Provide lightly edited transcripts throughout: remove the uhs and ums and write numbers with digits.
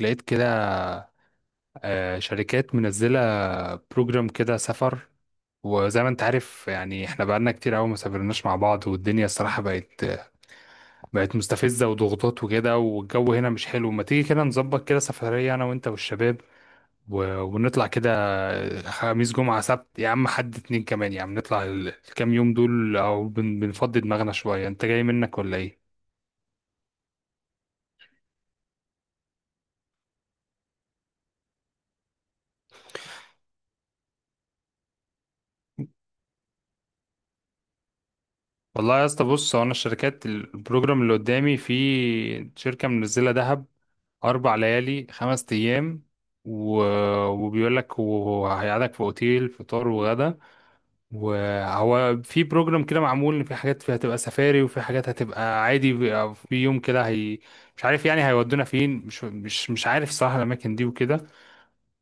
لقيت كده، شركات منزلة بروجرام كده سفر. وزي ما انت عارف يعني احنا بقالنا كتير قوي ما سافرناش مع بعض، والدنيا الصراحة بقت مستفزة وضغوطات وكده، والجو هنا مش حلو. ما تيجي كده نظبط كده سفرية انا وانت والشباب ونطلع كده، خميس جمعة سبت يا عم، حد اتنين كمان يا عم، نطلع الكام يوم دول، او بنفضي دماغنا شوية. انت جاي منك ولا ايه؟ والله يا اسطى، بص، هو انا الشركات البروجرام اللي قدامي في شركة منزلة دهب أربع ليالي خمس أيام و... وبيقول لك وهيقعدك في أوتيل فطار وغدا، وهو في بروجرام كده معمول إن في حاجات فيها هتبقى سفاري وفي حاجات هتبقى عادي، بيبقى في يوم كده هي مش عارف يعني هيودونا فين. مش عارف صراحة الأماكن دي وكده.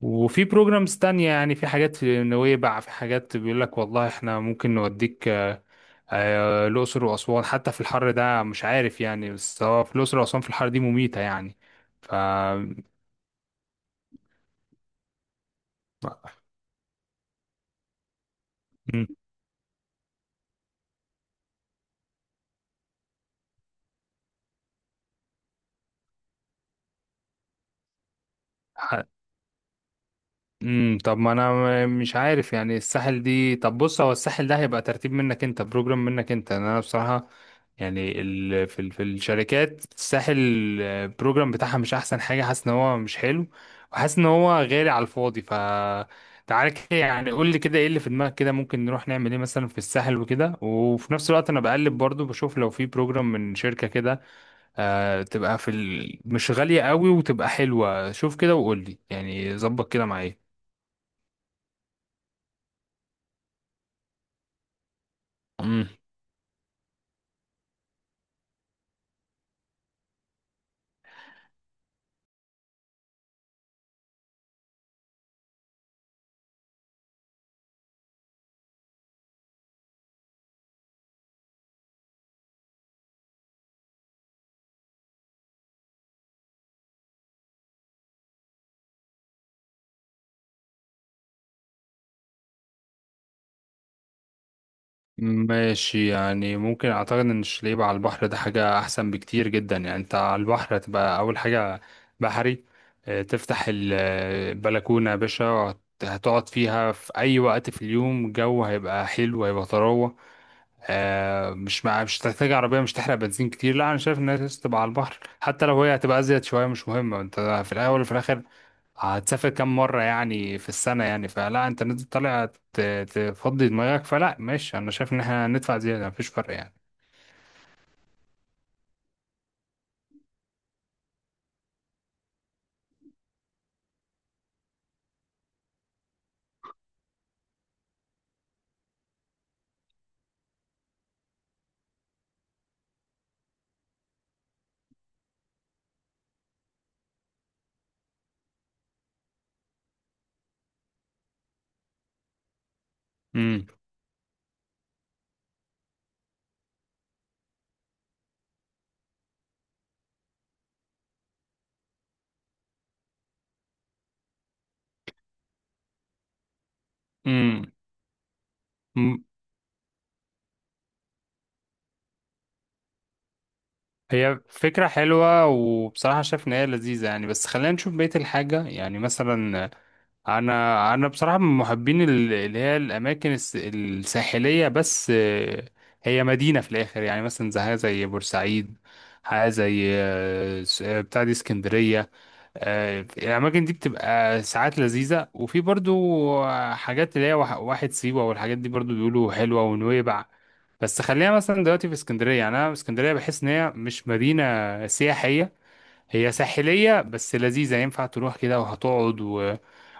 وفي بروجرامز تانية يعني، في حاجات في نويبع، في حاجات بيقول لك والله إحنا ممكن نوديك، الأقصر وأسوان، حتى في الحر ده مش عارف يعني، بس هو في الأقصر وأسوان في الحر دي مميتة يعني. مم. ح- طب ما انا مش عارف يعني الساحل دي. طب بص، هو الساحل ده هيبقى ترتيب منك انت، بروجرام منك انت، أنا بصراحة يعني في الشركات الساحل البروجرام بتاعها مش احسن حاجة، حاسس ان هو مش حلو، وحاسس ان هو غالي على الفاضي. ف تعالى كده، يعني قول لي كده ايه اللي في دماغك كده، ممكن نروح نعمل ايه مثلا في الساحل وكده، وفي نفس الوقت انا بقلب برضو بشوف لو في بروجرام من شركة كده تبقى مش غالية قوي وتبقى حلوة. شوف كده وقول لي يعني، ظبط كده معايا. مم. ماشي يعني، ممكن اعتقد ان الشليب على البحر ده حاجة احسن بكتير جدا. يعني انت على البحر هتبقى اول حاجة بحري، تفتح البلكونة يا باشا، هتقعد فيها في اي وقت في اليوم، الجو هيبقى حلو، هيبقى طراوة. مش هتحتاج عربية، مش تحرق بنزين كتير. لا أنا شايف إنها لازم تبقى على البحر، حتى لو هي هتبقى أزيد شوية مش مهمة. أنت في الأول وفي الآخر هتسافر كام مرة يعني في السنة، يعني فلا أنت نازل طالع ت- تفضي دماغك، فلا ماشي، أنا شايف إن إحنا هندفع زيادة مفيش فرق يعني. امم امم أمم. هي فكرة حلوة وبصراحة شايف إن هي لذيذة يعني، بس خلينا نشوف بقية الحاجة يعني مثلا. انا بصراحه من محبين اللي هي الاماكن الساحليه، بس هي مدينه في الاخر يعني، مثلا زي بورسعيد، حاجه زي بتاع دي اسكندريه. الاماكن دي بتبقى ساعات لذيذه، وفي برضو حاجات اللي هي واحد سيوه والحاجات دي برضو بيقولوا حلوه، ونويبع. بس خلينا مثلا دلوقتي في اسكندريه، يعني انا اسكندريه بحس ان هي مش مدينه سياحيه، هي ساحلية بس لذيذة، ينفع تروح كده وهتقعد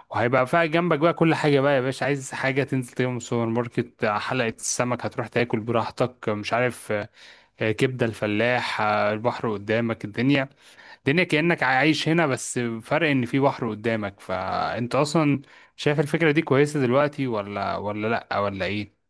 وهيبقى فيها جنبك بقى كل حاجة بقى يا باشا. عايز حاجة تنزل تجيبها من السوبر ماركت، حلقة السمك هتروح تاكل براحتك، مش عارف، كبدة الفلاح، البحر قدامك، الدنيا كأنك عايش هنا، بس فرق إن في بحر قدامك. فأنت أصلا شايف الفكرة دي كويسة دلوقتي، ولا لأ، ولا إيه؟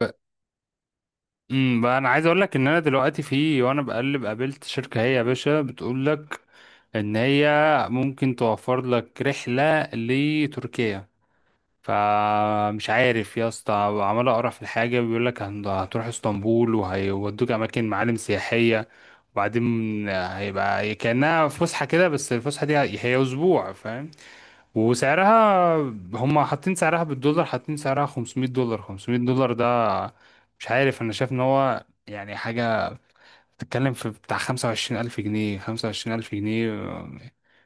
مم. امم. بقى انا عايز اقول لك ان انا دلوقتي في وانا بقلب قابلت شركه، هي يا باشا بتقول لك ان هي ممكن توفر لك رحله لتركيا. فمش عارف يا اسطى، عمال اقرا في الحاجه، بيقول لك هتروح اسطنبول، وهيودوك اماكن معالم سياحيه، وبعدين هيبقى كانها فسحه كده، بس الفسحه دي هي اسبوع، فاهم. وسعرها، هم حاطين سعرها بالدولار، حاطين سعرها $500. $500 ده مش عارف، انا شايف ان هو يعني حاجة بتتكلم في بتاع 25,000 جنيه. 25,000 جنيه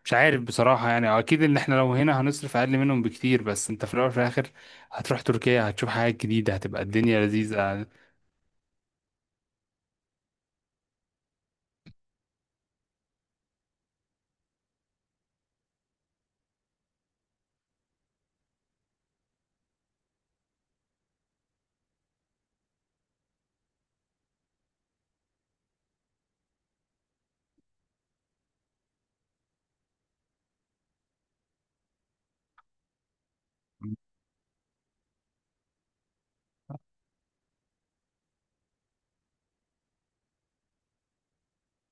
مش عارف بصراحة يعني، اكيد ان احنا لو هنا هنصرف اقل منهم بكتير، بس انت في الاول وفي الاخر هتروح تركيا، هتشوف حاجات جديدة، هتبقى الدنيا لذيذة.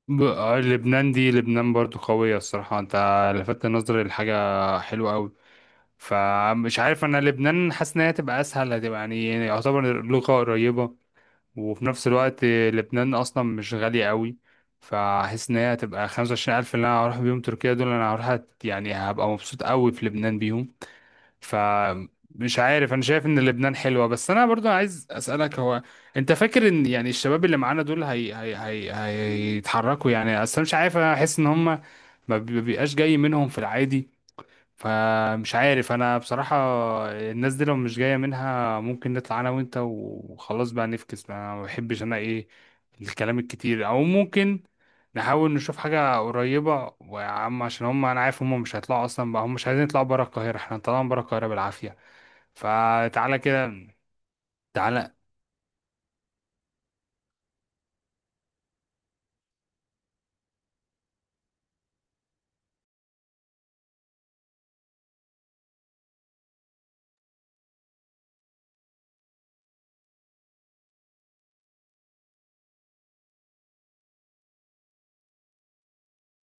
لبنان دي، لبنان برضو قوية الصراحة، انت لفتت نظري لحاجة حلوة قوي. فمش عارف، انا لبنان حاسس ان هي تبقى اسهل، هتبقى يعني يعتبر لغة قريبة، وفي نفس الوقت لبنان اصلا مش غالية قوي، فحس ان هي هتبقى 25,000 الف اللي انا هروح بيهم تركيا دول، انا هروح يعني هبقى مبسوط قوي في لبنان بيهم. فمش عارف، انا شايف ان لبنان حلوة، بس انا برضو عايز اسألك. هو انت فاكر ان يعني الشباب اللي معانا دول هي هيتحركوا يعني؟ اصلا مش عارف، انا احس ان هم ما بي- بيبقاش جاي منهم في العادي. فمش عارف انا بصراحة، الناس دي لو مش جاية منها ممكن نطلع انا وانت وخلاص بقى، نفكس بقى. انا ما بحبش انا ايه الكلام الكتير، او ممكن نحاول نشوف حاجة قريبة، ويا عم عشان هم انا عارف هم مش هيطلعوا اصلا بقى، هم مش عايزين يطلعوا برا القاهرة، احنا طالعين برا القاهرة بالعافية. فتعالى كده.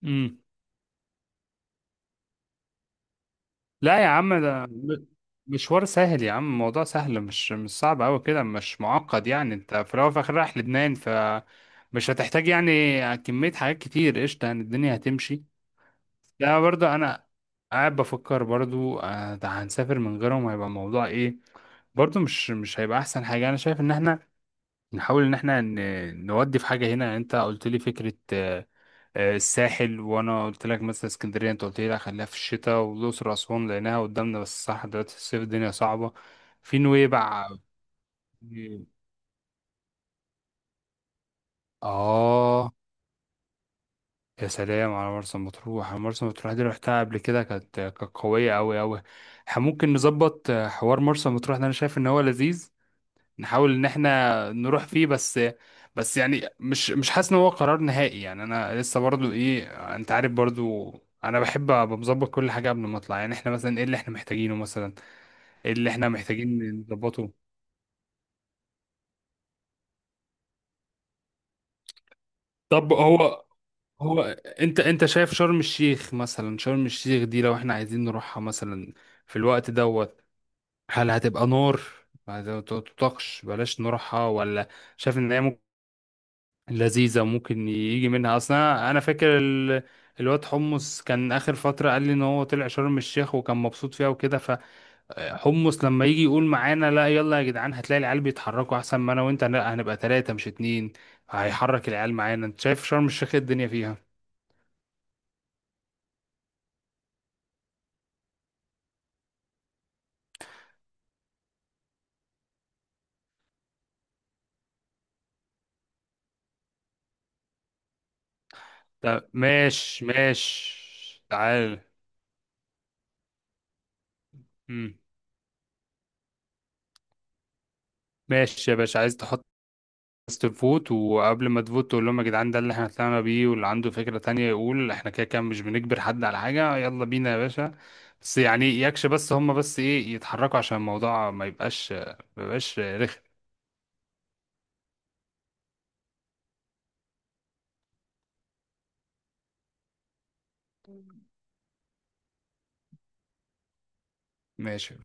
تعالى، لا يا عم ده مشوار سهل يا عم، الموضوع سهل، مش صعب قوي كده، مش معقد يعني، انت في الاول وفي الاخر رايح لبنان، ف مش هتحتاج يعني كمية حاجات كتير، قشطة يعني، الدنيا هتمشي. لا برضه انا قاعد بفكر برضه ده هنسافر من غيرهم، هيبقى الموضوع ايه برضه؟ مش هيبقى احسن حاجة. انا شايف ان احنا نحاول ان احنا نودي في حاجة هنا، يعني انت قلت لي فكرة الساحل، وانا قلت لك مثلا اسكندريه، انت قلت لي لا خليها في الشتاء، والاقصر واسوان لانها قدامنا بس صح دلوقتي الصيف الدنيا صعبه، في نويبع، في- اه، يا سلام على مرسى مطروح. مرسى مطروح دي رحتها قبل كده، كانت قويه قوي قوي. ممكن نظبط حوار مرسى مطروح ده، انا شايف ان هو لذيذ، نحاول ان احنا نروح فيه. بس بس يعني مش حاسس ان هو قرار نهائي يعني، انا لسه برضو ايه، انت عارف برضو، انا بحب ابقى مظبط كل حاجه قبل ما اطلع. يعني احنا مثلا ايه اللي احنا محتاجينه، مثلا ايه اللي احنا محتاجين نظبطه. طب هو هو انت شايف شرم الشيخ مثلا؟ شرم الشيخ دي لو احنا عايزين نروحها مثلا في الوقت دوت، هل هتبقى نار ما تطاقش بلاش نروحها، ولا شايف ان هي لذيذة ممكن يجي منها؟ أصلا أنا فاكر الواد حمص كان آخر فترة قال لي إن هو طلع شرم الشيخ وكان مبسوط فيها وكده، فحمص لما يجي يقول معانا لا يلا يا جدعان، هتلاقي العيال بيتحركوا، أحسن ما أنا وأنت لا، هنبقى تلاتة مش اتنين، هيحرك العيال معانا. أنت شايف شرم الشيخ إيه الدنيا فيها؟ طب ماشي ماشي، تعال. مم. ماشي يا باشا، عايز تحط الناس تفوت، وقبل ما تفوت تقول لهم يا جدعان ده اللي احنا طلعنا بيه، واللي عنده فكرة تانية يقول، احنا كده كده مش بنجبر حد على حاجة، يلا بينا يا باشا. بس يعني يكش، بس هم بس ايه يتحركوا، عشان الموضوع ما يبقاش ما رخم. ماشي.